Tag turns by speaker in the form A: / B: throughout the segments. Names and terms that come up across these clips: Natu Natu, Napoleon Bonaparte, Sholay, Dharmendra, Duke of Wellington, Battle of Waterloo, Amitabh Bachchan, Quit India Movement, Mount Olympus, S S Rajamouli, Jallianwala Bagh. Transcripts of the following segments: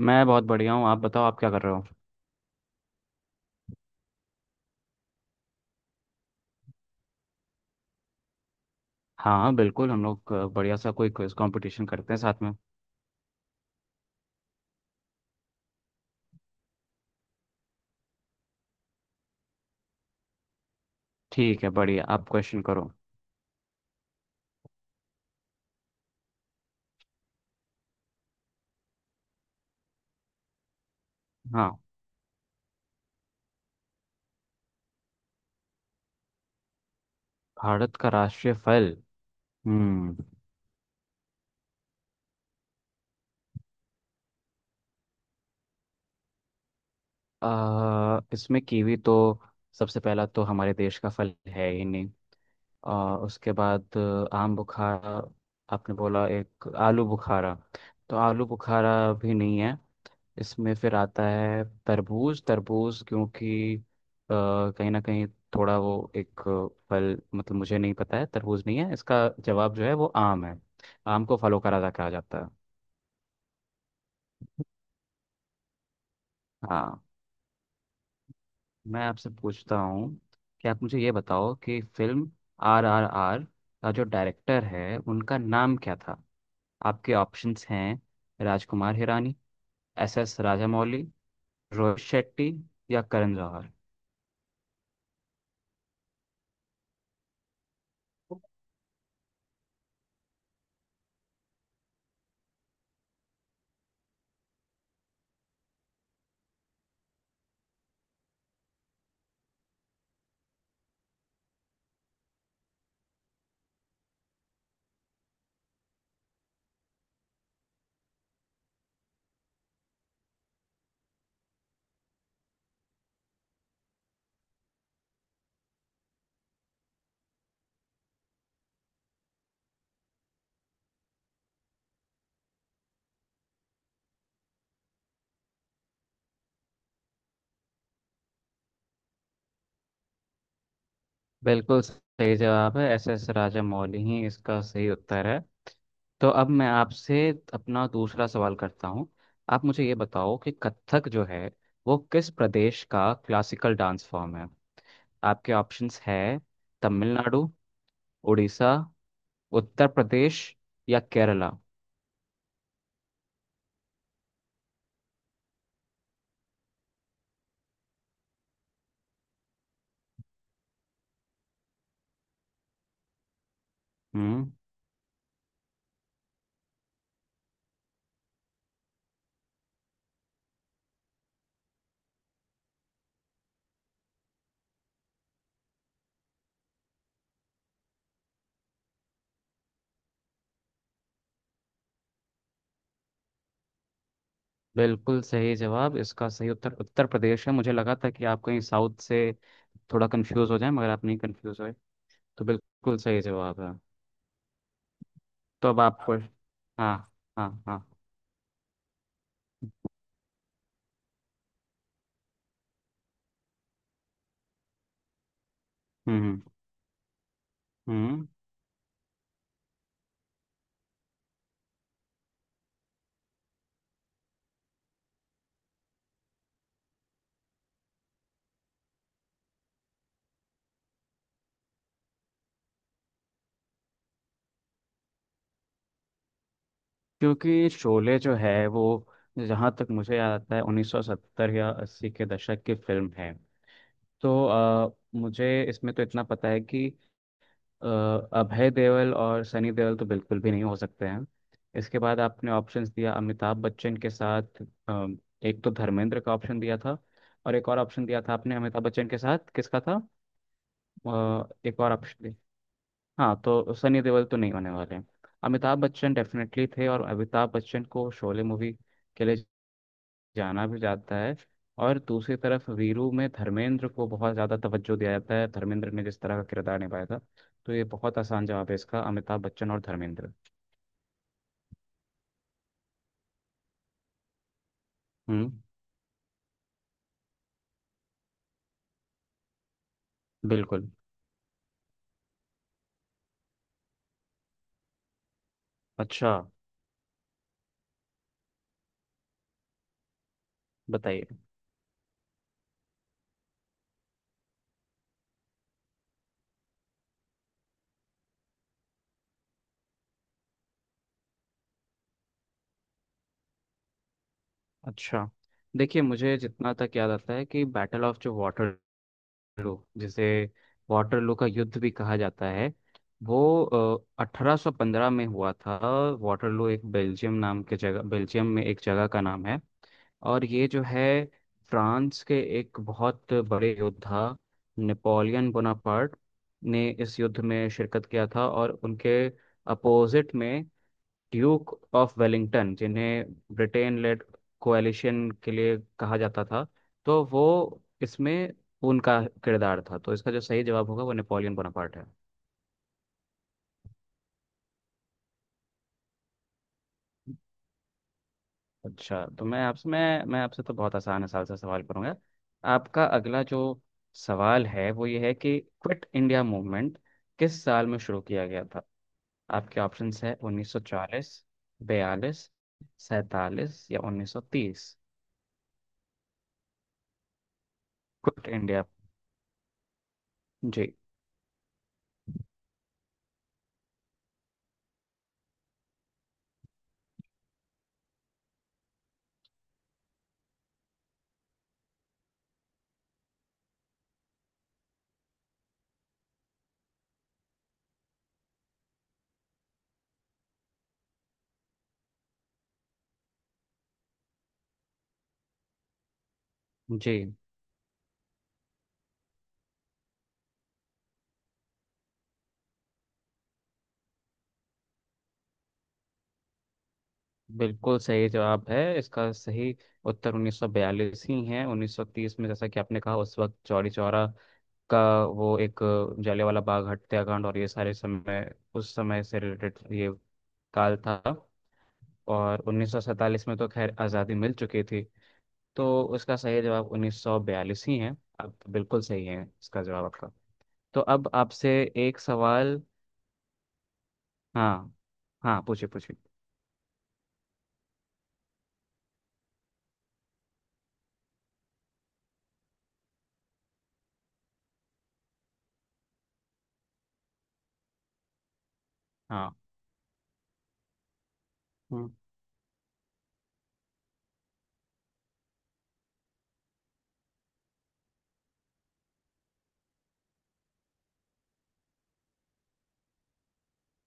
A: मैं बहुत बढ़िया हूँ। आप बताओ, आप क्या कर रहे हो? हाँ, बिल्कुल। हम लोग बढ़िया सा कोई क्विज कंपटीशन करते हैं साथ में। ठीक है, बढ़िया। आप क्वेश्चन करो। हाँ। भारत का राष्ट्रीय फल। हम्म। इसमें कीवी तो सबसे पहला तो हमारे देश का फल है ही नहीं। और उसके बाद आम बुखारा। आपने बोला एक आलू बुखारा। तो आलू बुखारा भी नहीं है। इसमें फिर आता है तरबूज, तरबूज क्योंकि कहीं ना कहीं थोड़ा वो एक फल, मतलब मुझे नहीं पता है। तरबूज नहीं है इसका जवाब। जो है वो आम है। आम को फलों का राजा कहा जाता है। हाँ, मैं आपसे पूछता हूँ कि आप मुझे ये बताओ कि फिल्म RRR का जो डायरेक्टर है, उनका नाम क्या था? आपके ऑप्शंस हैं: राजकुमार हिरानी, SS राजामौली, रोहित शेट्टी या करण जौहर। बिल्कुल सही जवाब है। SS राजामौली ही इसका सही उत्तर है। तो अब मैं आपसे अपना दूसरा सवाल करता हूँ। आप मुझे ये बताओ कि कथक जो है वो किस प्रदेश का क्लासिकल डांस फॉर्म है? आपके ऑप्शंस है: तमिलनाडु, उड़ीसा, उत्तर प्रदेश या केरला। हम्म। बिल्कुल सही जवाब। इसका सही उत्तर उत्तर प्रदेश है। मुझे लगा था कि आप कहीं साउथ से थोड़ा कंफ्यूज हो जाए, मगर आप नहीं कंफ्यूज हुए। तो बिल्कुल सही जवाब है। तो अब आपको, हाँ, हाँ, हाँ। हम्म, हम्म, हम्म। क्योंकि शोले जो है वो, जहाँ तक मुझे याद आता है, 1970 या 80 के दशक की फिल्म है। तो मुझे इसमें तो इतना पता है कि अभय देओल और सनी देओल तो बिल्कुल भी नहीं हो सकते हैं। इसके बाद आपने ऑप्शंस दिया अमिताभ बच्चन के साथ। अ, एक तो धर्मेंद्र का ऑप्शन दिया था। और एक और ऑप्शन दिया था आपने अमिताभ बच्चन के साथ, किसका था? एक और ऑप्शन। हाँ, तो सनी देओल तो नहीं होने वाले हैं। अमिताभ बच्चन डेफिनेटली थे, और अमिताभ बच्चन को शोले मूवी के लिए जाना भी जाता है। और दूसरी तरफ वीरू में धर्मेंद्र को बहुत ज़्यादा तवज्जो दिया जाता है। धर्मेंद्र ने जिस तरह का किरदार निभाया था, तो ये बहुत आसान जवाब है इसका: अमिताभ बच्चन और धर्मेंद्र। हम्म। बिल्कुल। अच्छा, बताइए। अच्छा, देखिए मुझे जितना तक याद आता है कि बैटल ऑफ, जो वाटरलू, जिसे वाटरलू का युद्ध भी कहा जाता है, वो 1815 में हुआ था। वाटरलू एक बेल्जियम, नाम के जगह, बेल्जियम में एक जगह का नाम है। और ये जो है, फ्रांस के एक बहुत बड़े योद्धा नेपोलियन बोनापार्ट ने इस युद्ध में शिरकत किया था, और उनके अपोजिट में ड्यूक ऑफ वेलिंगटन, जिन्हें ब्रिटेन लेड कोएलिशन के लिए कहा जाता था, तो वो इसमें उनका किरदार था। तो इसका जो सही जवाब होगा वो नेपोलियन बोनापार्ट है। अच्छा, तो मैं आपसे तो बहुत आसान आसान सा सवाल करूंगा। आपका अगला जो सवाल है वो ये है कि क्विट इंडिया मूवमेंट किस साल में शुरू किया गया था? आपके ऑप्शंस है: 1940, 42, 47 या 1930। Quit India. जी। जी। बिल्कुल सही जवाब है। इसका सही उत्तर 1942 ही है। 1930 में, जैसा कि आपने कहा, उस वक्त चौरी चौरा का वो एक, जलियांवाला बाग हत्याकांड और ये सारे समय, उस समय से रिलेटेड ये काल था। और 1947 में तो खैर आज़ादी मिल चुकी थी। तो उसका सही जवाब 1942 ही है। अब बिल्कुल सही है इसका जवाब आपका। तो अब आपसे एक सवाल, हाँ, हाँ, पूछिए पूछिए। हाँ।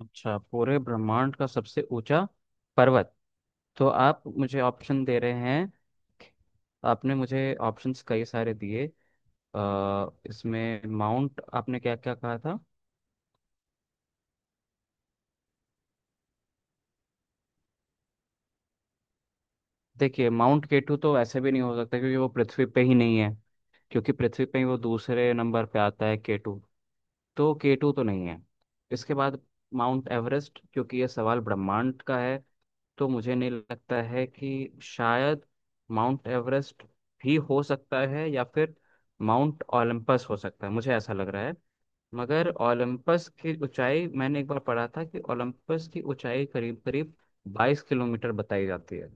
A: अच्छा, पूरे ब्रह्मांड का सबसे ऊंचा पर्वत। तो आप मुझे ऑप्शन दे रहे हैं। आपने मुझे ऑप्शंस कई सारे दिए। इसमें माउंट, आपने क्या क्या कहा था? देखिए, माउंट केटू तो ऐसे भी नहीं हो सकता क्योंकि वो पृथ्वी पे ही नहीं है। क्योंकि पृथ्वी पे ही वो दूसरे नंबर पे आता है केटू। तो केटू तो नहीं है। इसके बाद माउंट एवरेस्ट, क्योंकि ये सवाल ब्रह्मांड का है, तो मुझे नहीं लगता है कि शायद माउंट एवरेस्ट भी हो सकता है, या फिर माउंट ओलंपस हो सकता है, मुझे ऐसा लग रहा है। मगर ओलंपस की ऊंचाई, मैंने एक बार पढ़ा था कि ओलंपस की ऊंचाई करीब करीब 22 किलोमीटर बताई जाती है।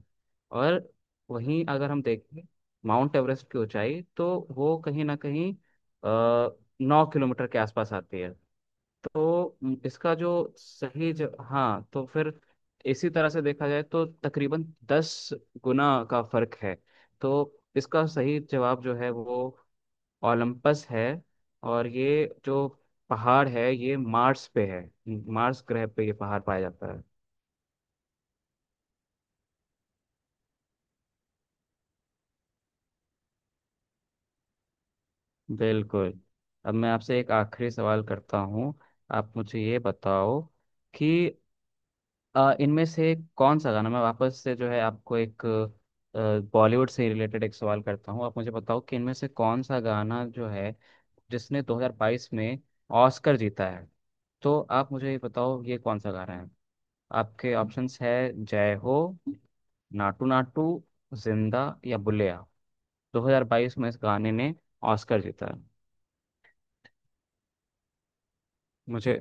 A: और वहीं अगर हम देखें, माउंट एवरेस्ट की ऊंचाई तो वो कहीं ना कहीं आ, 9 किलोमीटर के आसपास आती है। तो इसका जो सही ज... हाँ, तो फिर इसी तरह से देखा जाए तो तकरीबन 10 गुना का फर्क है। तो इसका सही जवाब जो है वो ओलंपस है। और ये जो पहाड़ है ये मार्स पे है। मार्स ग्रह पे ये पहाड़ पाया जाता है। बिल्कुल। अब मैं आपसे एक आखिरी सवाल करता हूँ। आप मुझे ये बताओ कि इनमें से कौन सा गाना, मैं वापस से जो है आपको एक बॉलीवुड से रिलेटेड एक सवाल करता हूँ। आप मुझे बताओ कि इनमें से कौन सा गाना जो है जिसने 2022 में ऑस्कर जीता है? तो आप मुझे ये बताओ, ये कौन सा गाना है? आपके ऑप्शंस है: जय हो, नाटू नाटू, जिंदा या बुलेया। 2022 में इस गाने ने ऑस्कर जीता है। मुझे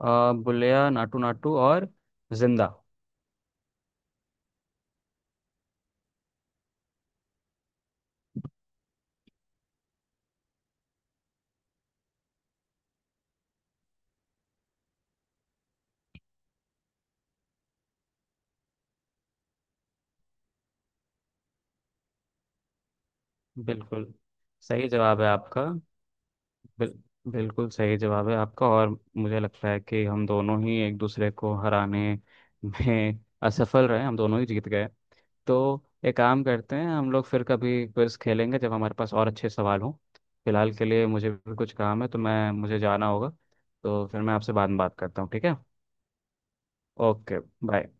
A: बुलेया, नाटू नाटू और जिंदा। बिल्कुल सही जवाब है आपका। बिल, बिल्कुल सही जवाब है आपका, और मुझे लगता है कि हम दोनों ही एक दूसरे को हराने में असफल रहे। हम दोनों ही जीत गए। तो एक काम करते हैं, हम लोग फिर कभी क्विज खेलेंगे जब हमारे पास और अच्छे सवाल हों। फिलहाल के लिए मुझे भी कुछ काम है, तो मैं मुझे जाना होगा। तो फिर मैं आपसे बाद में बात करता हूँ, ठीक है? ओके। बाय।